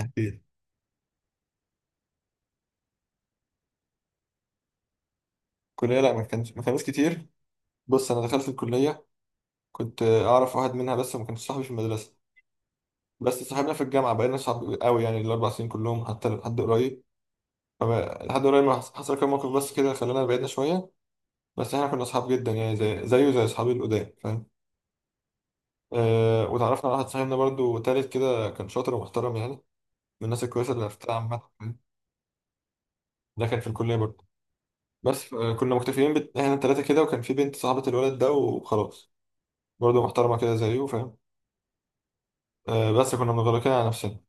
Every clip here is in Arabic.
أكيد. الكلية لا، ما كانش، ما كانوش كتير. بص أنا دخلت الكلية كنت أعرف واحد منها بس وما كانش صاحبي في المدرسة. بس صاحبنا في الجامعة، بقينا صحاب قوي يعني الأربع سنين كلهم حتى لحد قريب. لحد قريب ما حص- حصل كام موقف بس كده خلانا بعدنا شوية. بس إحنا كنا صحاب جدا يعني زي زيه زي أصحابي القدام، فاهم؟ أه، وتعرفنا على واحد صاحبنا برضو تالت كده، كان شاطر ومحترم يعني من الناس الكويسة اللي عرفتها عامة، فاهم؟ ده كان في الكلية برضو. بس كنا مكتفيين إحنا التلاتة كده، وكان في بنت صاحبة الولد ده وخلاص، برضه محترمة كده زيه، فاهم؟ بس كنا مغلقين على نفسنا.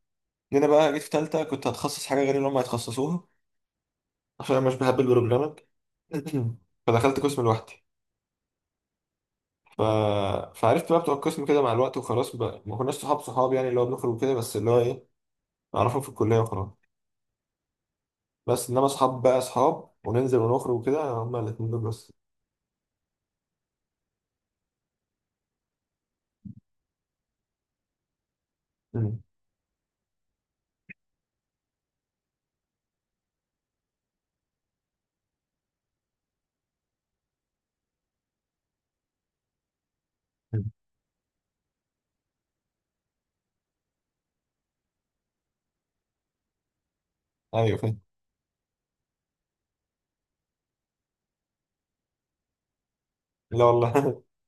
جينا بقى، جيت في تالتة كنت هتخصص حاجة غير اللي هم هيتخصصوها عشان أنا مش بحب البروجرامنج. فدخلت قسم لوحدي. ف... فعرفت بقى بتوع القسم كده مع الوقت، وخلاص بقى ما كناش صحاب صحاب يعني اللي هو بنخرج وكده، بس اللي هو إيه، نعرفهم في الكلية وخلاص. بس إنما صحاب بقى صحاب وننزل ونخرج وكده، هما الاتنين دول بس. مم. مم. أيوه فاهم. لا والله.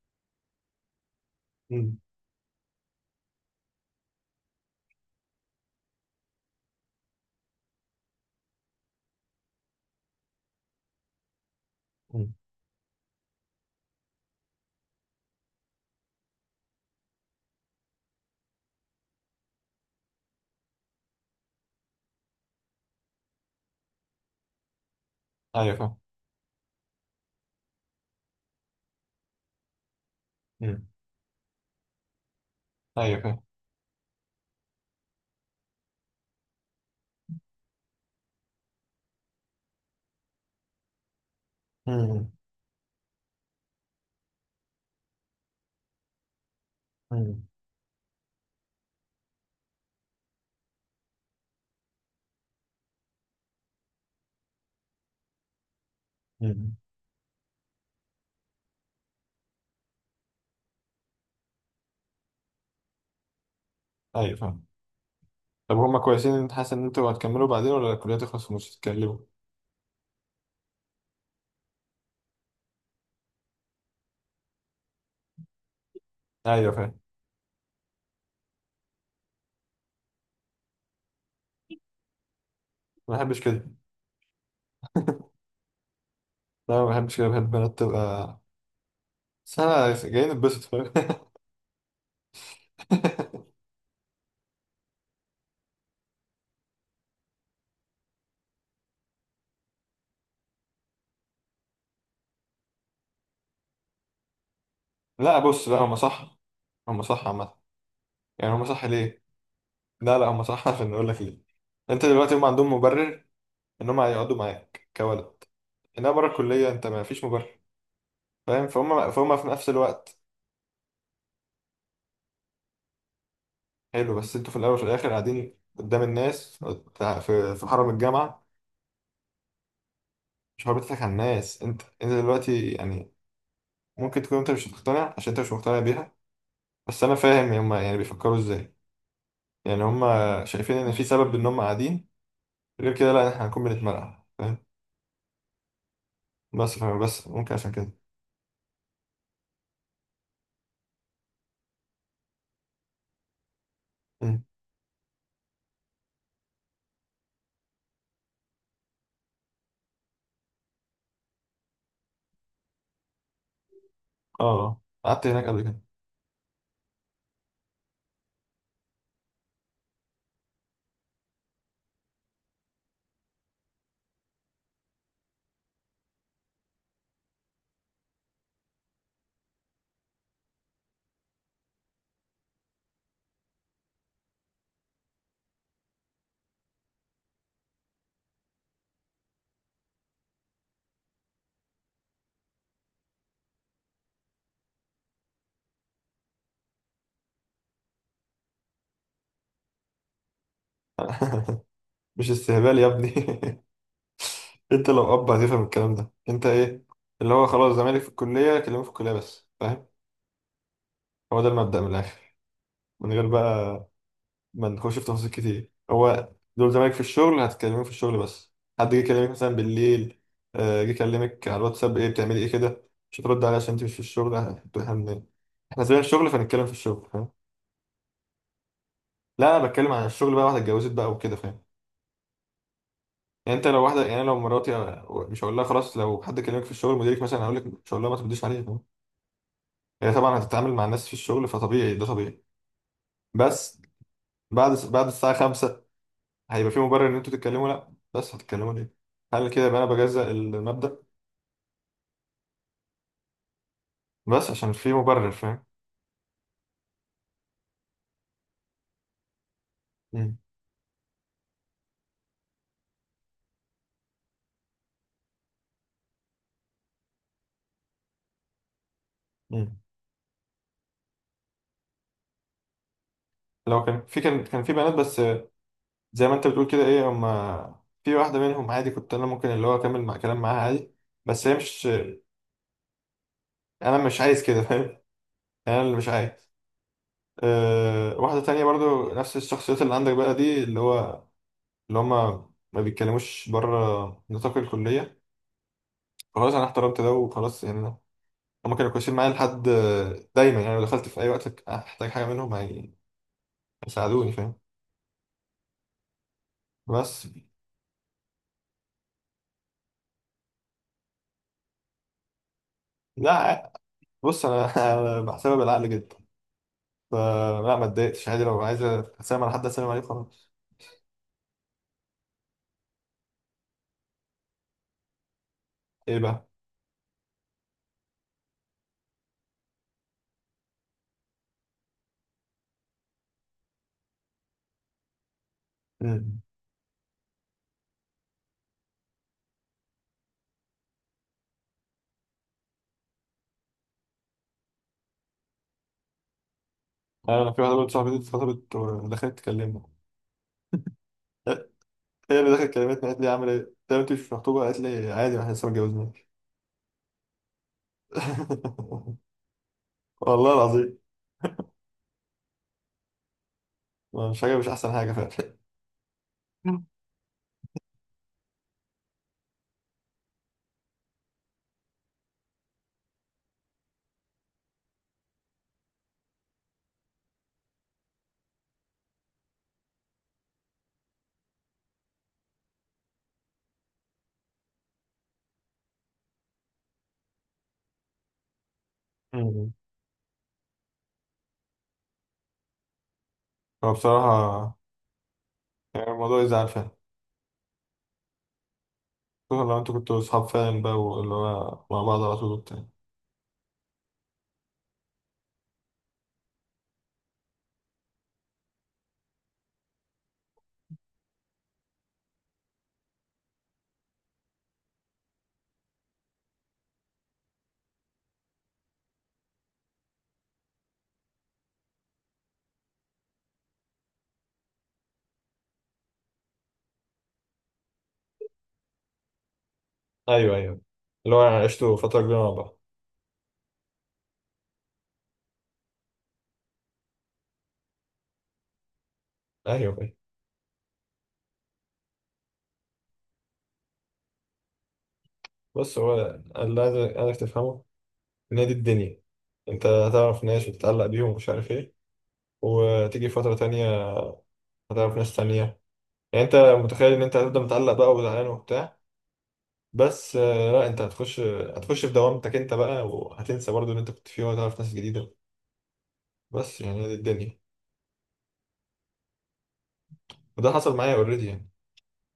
مم. مم. أيوه فاهم. مم. أيوه فاهم. مم. مم. مم. أيوه فاهم. طب هما كويسين إن انت حاسس ان انتوا هتكملوا بعدين، ولا الكلية تخلص ومش تتكلموا؟ ايوه فاهم. ما بحبش كده. لا ما بحبش كده، بحب البنات تبقى، بس انا جايين نتبسط، فاهم؟ لا بص، لا هما صح. هما صح عامة. يعني هما صح ليه؟ لا لا هما صح. عشان اقول لك ليه. انت دلوقتي هما عندهم مبرر ان هما هيقعدوا معاك كولد، انما بره الكلية انت ما فيش مبرر. فاهم؟ فهم فهم في نفس الوقت. حلو، بس انتوا في الاول وفي الاخر قاعدين قدام الناس، في حرم الجامعة. مش هو بتضحك على الناس، انت انت دلوقتي يعني ممكن تكون انت مش مقتنع عشان انت مش مقتنع بيها، بس انا فاهم هما يعني بيفكروا ازاي. يعني هما شايفين ان في سبب ان هما قاعدين، غير كده لا احنا هنكون بنتمرقع، فاهم؟ بس فاهم، بس ممكن عشان كده. مم. اه قعدت هناك قبل كده. مش استهبال يا ابني. انت لو اب هتفهم الكلام ده. انت ايه اللي هو خلاص، زمالك في الكليه، كلمه في الكليه بس، فاهم؟ هو ده المبدأ من الاخر، من غير بقى ما نخش في تفاصيل كتير. هو دول زمايلك في الشغل، هتكلموك في الشغل بس. حد جه يكلمك مثلا بالليل، جه يكلمك على الواتساب، ايه بتعملي ايه كده؟ مش هترد عليه عشان انت مش في الشغل. انتوا احنا احنا زي الشغل فنتكلم في الشغل، فاهم؟ لا انا بتكلم عن الشغل بقى، واحده اتجوزت بقى وكده، فاهم؟ يعني انت لو واحده، يعني أنا لو مراتي، مش هقول لها خلاص لو حد كلمك في الشغل مديرك مثلا، هقول لك مش هقول لها ما ترديش عليه، فاهم؟ هي طبعا هتتعامل مع الناس في الشغل، فطبيعي، ده طبيعي. بس بعد الساعه 5 هيبقى في مبرر ان انتوا تتكلموا؟ لا، بس هتتكلموا ليه؟ هل كده يبقى انا بجزأ المبدأ؟ بس عشان في مبرر، فاهم؟ مم. مم. لو كان في، كان في بنات بس زي ما انت بتقول كده، ايه هم، في واحدة منهم عادي كنت انا ممكن اللي هو اكمل مع كلام معاها عادي. بس هي مش، انا مش عايز كده، فاهم؟ انا اللي مش عايز. واحدة تانية برضو نفس الشخصيات اللي عندك بقى دي، اللي هو اللي هم ما بيتكلموش بره نطاق الكلية. خلاص انا احترمت ده وخلاص يعني. هما كانوا كويسين معايا لحد دايما، يعني لو دخلت في اي وقت احتاج حاجه منهم هيساعدوني، فاهم؟ بس لا، بص انا أنا بحسبها بالعقل جدا. فلا، ما اتضايقتش عادي، لو عايز اسلم على حد اسلم عليه خلاص. ايه بقى؟ امم، انا في واحده برضه صاحبتي اتخطبت ودخلت تكلمني. هي اللي دخلت كلمتني، قالت لي عامل ايه؟ قلت لها انت مش مخطوبه؟ قالت لي عادي ما احنا لسه ما اتجوزناش. والله العظيم. مش حاجه، مش احسن حاجه فعلا. أمم. هو بصراحه يعني الموضوع يزعل فعلا، خصوصا لو انتوا كنتوا اصحاب فعلا بقى واللي هو مع بعض على طول وبتاع. ايوه ايوه، اللي هو عشتوا فتره كبيره مع بعض. ايوه ايوه. بص هو اللي عايزك تفهمه ان هي دي الدنيا. انت هتعرف ناس وتتعلق بيهم ومش عارف ايه، وتيجي فتره تانية هتعرف ناس تانية. يعني انت متخيل ان انت هتفضل متعلق بقى وزعلان وبتاع؟ بس لا، انت هتخش، هتخش في دوامتك انت بقى، وهتنسى برضو اللي انت كنت فيه وهتعرف ناس جديدة. بس يعني هي دي الدنيا. وده حصل معايا اوريدي يعني.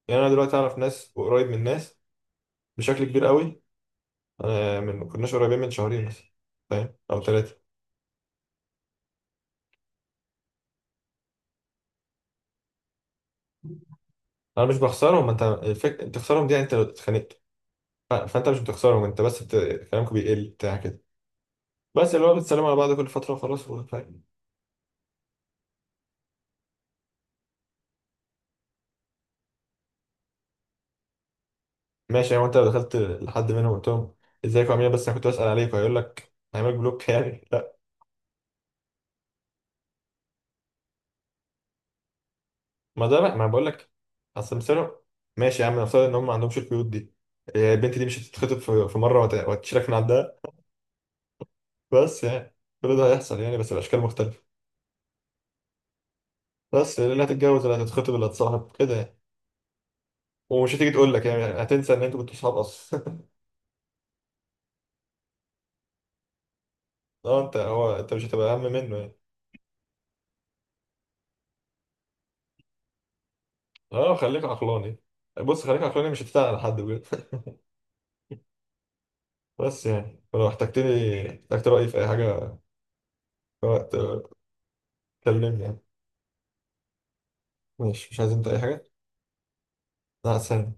يعني انا دلوقتي اعرف ناس وقريب من ناس بشكل كبير قوي. انا من ما كناش قريبين من شهرين مثلا، فاهم، او ثلاثه. انا مش بخسرهم، انت تخسرهم دي يعني انت لو اتخانقت. فانت مش بتخسرهم، انت بس كلامك بيقل بتاع كده. بس اللي هو بتسلموا على بعض كل فتره وخلاص فاهم؟ ماشي يعني انت لو دخلت لحد منهم قلت لهم ازيكم عاملين إيه؟ بس انا كنت بسال عليكم، هيقول لك هيعملك بلوك؟ يعني لا. ما ده بقى ما بقول لك. اصل مثلا، ماشي يا عم نفترض ان هم ما عندهمش القيود دي، إيه، البنت دي مش هتتخطب في مره وهتشيلك من عندها. بس يعني كل ده هيحصل يعني، بس الاشكال مختلفه. بس اللي هتتجوز اللي هتتخطب اللي هتصاحب كده يعني. ومش هتيجي تقول لك يعني، هتنسى ان انتوا كنتوا صحاب اصلا. اه انت هو، انت مش هتبقى اهم منه يعني. اه خليك عقلاني. بص خليك عقلاني مش هتزعل على حد بجد. بس يعني ولو احتجتني، احتجت رأيي في اي حاجة، في وقت، كلمني يعني. ماشي. مش عايز انت اي حاجة؟ مع السلامة.